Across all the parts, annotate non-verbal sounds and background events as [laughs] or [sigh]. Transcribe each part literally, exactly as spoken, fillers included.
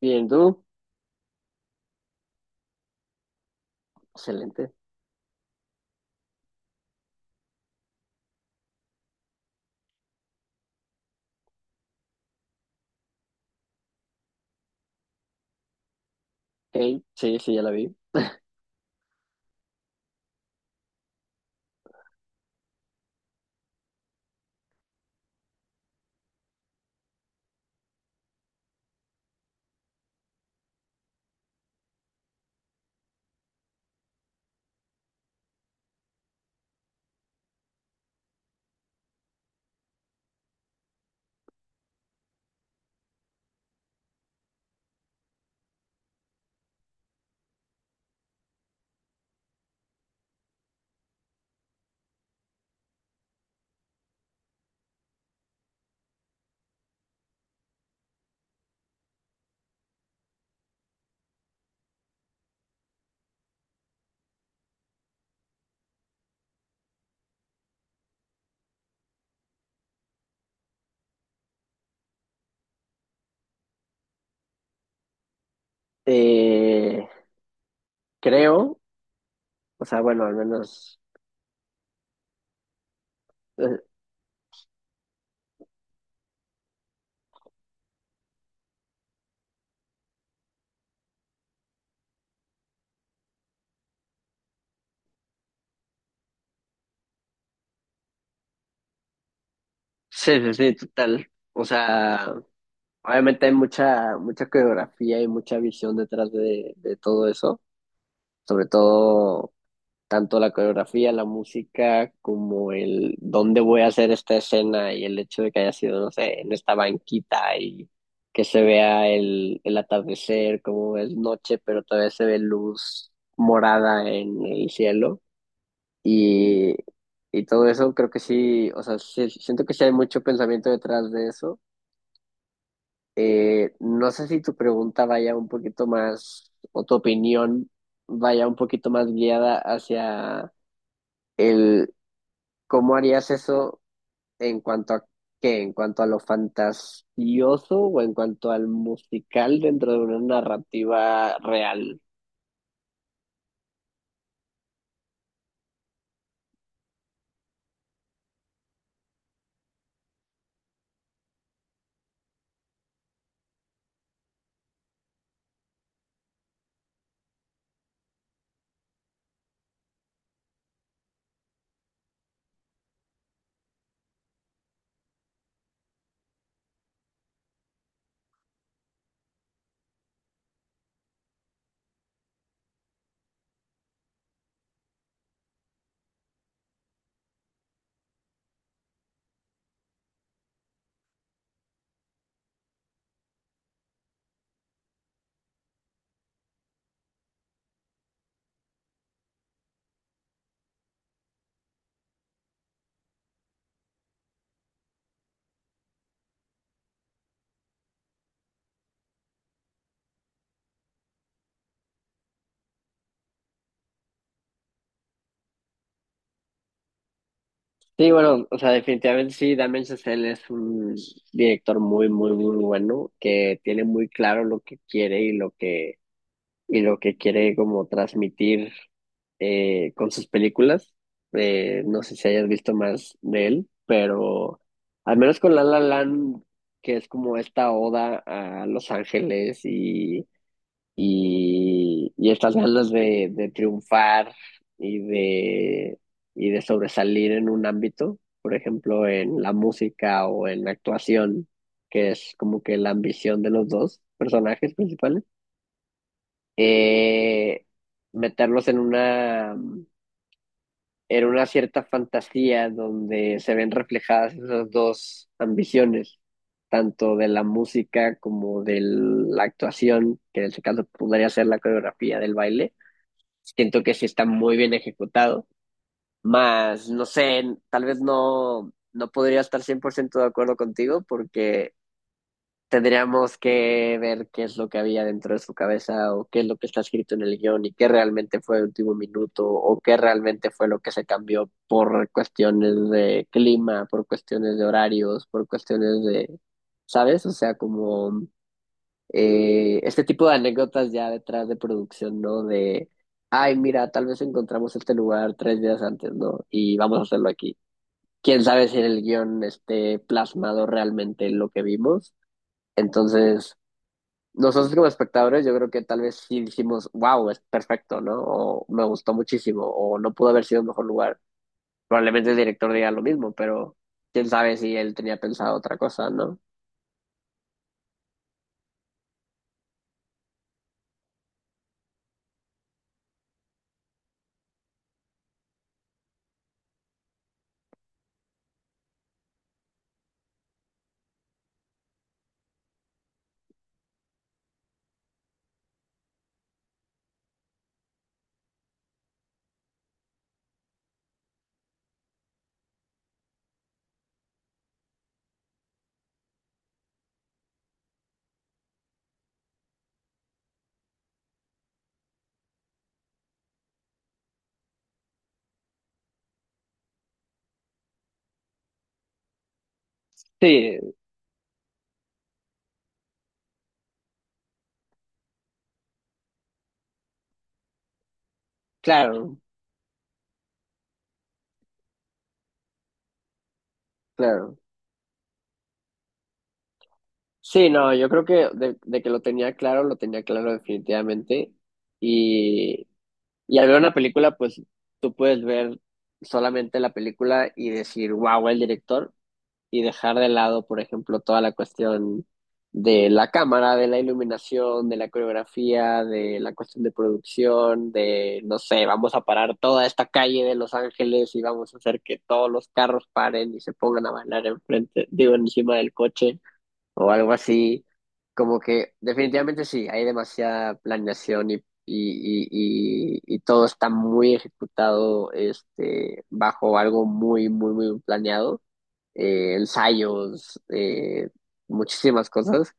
Bien, tú. Excelente. Hey, sí, sí, ya la vi. Eh, creo, o sea, bueno, al menos. eh, sí, sí, sí, total. O sea, obviamente hay mucha, mucha coreografía y mucha visión detrás de, de todo eso. Sobre todo, tanto la coreografía, la música, como el dónde voy a hacer esta escena y el hecho de que haya sido, no sé, en esta banquita y que se vea el, el atardecer, como es noche, pero todavía se ve luz morada en el cielo y, y todo eso creo que sí, o sea, sí- siento que sí hay mucho pensamiento detrás de eso. Eh, no sé si tu pregunta vaya un poquito más, o tu opinión vaya un poquito más guiada hacia el, ¿Cómo harías eso en cuanto a qué? ¿En cuanto a lo fantasioso o en cuanto al musical dentro de una narrativa real? Sí, bueno, o sea, definitivamente sí, Damien Chazelle es un director muy, muy, muy bueno que tiene muy claro lo que quiere y lo que y lo que quiere como transmitir eh, con sus películas. Eh, no sé si hayas visto más de él, pero al menos con La La Land, que es como esta oda a Los Ángeles y, y, y estas ganas de, de triunfar y de, y de sobresalir en un ámbito, por ejemplo, en la música o en la actuación, que es como que la ambición de los dos personajes principales eh, meterlos en una, en una cierta fantasía donde se ven reflejadas esas dos ambiciones, tanto de la música como de la actuación, que en este caso podría ser la coreografía del baile. Siento que sí está muy bien ejecutado, más no sé, tal vez no, no podría estar cien por ciento de acuerdo contigo porque tendríamos que ver qué es lo que había dentro de su cabeza o qué es lo que está escrito en el guión y qué realmente fue el último minuto o qué realmente fue lo que se cambió por cuestiones de clima, por cuestiones de horarios, por cuestiones de, ¿sabes? O sea, como eh, este tipo de anécdotas ya detrás de producción, ¿no? De, ay, mira, tal vez encontramos este lugar tres días antes, ¿no? Y vamos a hacerlo aquí. Quién sabe si en el guión esté plasmado realmente lo que vimos. Entonces, nosotros como espectadores, yo creo que tal vez sí dijimos, wow, es perfecto, ¿no? O me gustó muchísimo, o no pudo haber sido un mejor lugar. Probablemente el director diga lo mismo, pero quién sabe si él tenía pensado otra cosa, ¿no? Sí, claro, claro. Sí, no, yo creo que de, de que lo tenía claro, lo tenía claro definitivamente. Y, y al ver una película, pues tú puedes ver solamente la película y decir, wow, el director y dejar de lado, por ejemplo, toda la cuestión de la cámara, de la iluminación, de la coreografía, de la cuestión de producción, de, no sé, vamos a parar toda esta calle de Los Ángeles y vamos a hacer que todos los carros paren y se pongan a bailar enfrente, digo, encima del coche o algo así. Como que definitivamente sí, hay demasiada planeación y, y, y, y, y todo está muy ejecutado este, bajo algo muy, muy, muy planeado eh, ensayos, eh, muchísimas cosas,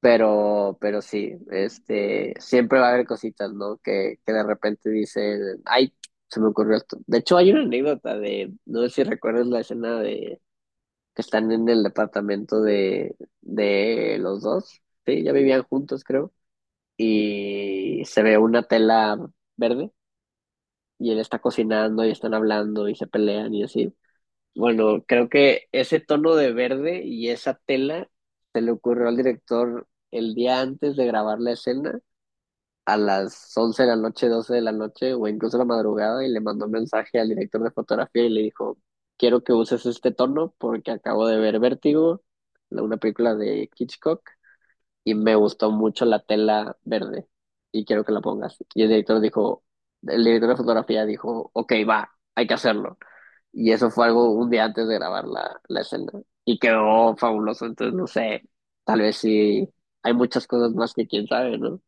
pero, pero sí, este, siempre va a haber cositas, ¿no? Que, que de repente dicen, ay, se me ocurrió esto. De hecho, hay una anécdota de, no sé si recuerdas la escena de que están en el departamento de, de los dos, sí, ya vivían juntos, creo, y se ve una tela verde y él está cocinando y están hablando y se pelean y así. Bueno, creo que ese tono de verde y esa tela se le ocurrió al director el día antes de grabar la escena, a las once de la noche, doce de la noche o incluso la madrugada, y le mandó un mensaje al director de fotografía y le dijo, quiero que uses este tono porque acabo de ver Vértigo, la- una película de Hitchcock, y me gustó mucho la tela verde y quiero que la pongas. Y el director dijo, el director de fotografía dijo, ok, va, hay que hacerlo. Y eso fue algo un día antes de grabar la, la escena. Y quedó fabuloso. Entonces, no sé, tal vez sí hay muchas cosas más que quién sabe, ¿no?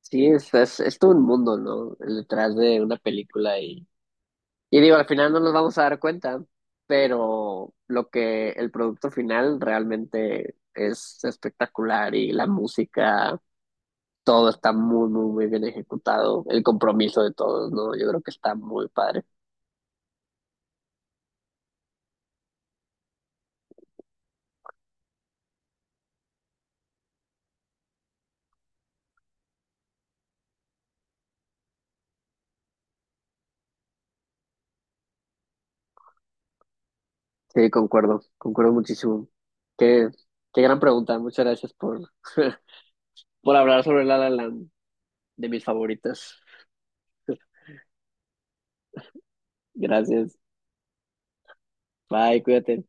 Sí, es, es, es todo un mundo, ¿no? El detrás de una película. Y, y digo, al final no nos vamos a dar cuenta, pero lo que el producto final realmente es espectacular y la música, todo está muy, muy, muy bien ejecutado. El compromiso de todos, ¿no? Yo creo que está muy padre. Sí, concuerdo, concuerdo muchísimo. Qué, qué gran pregunta. Muchas gracias por, [laughs] por hablar sobre La La Land, de mis favoritas. Gracias. Bye, cuídate.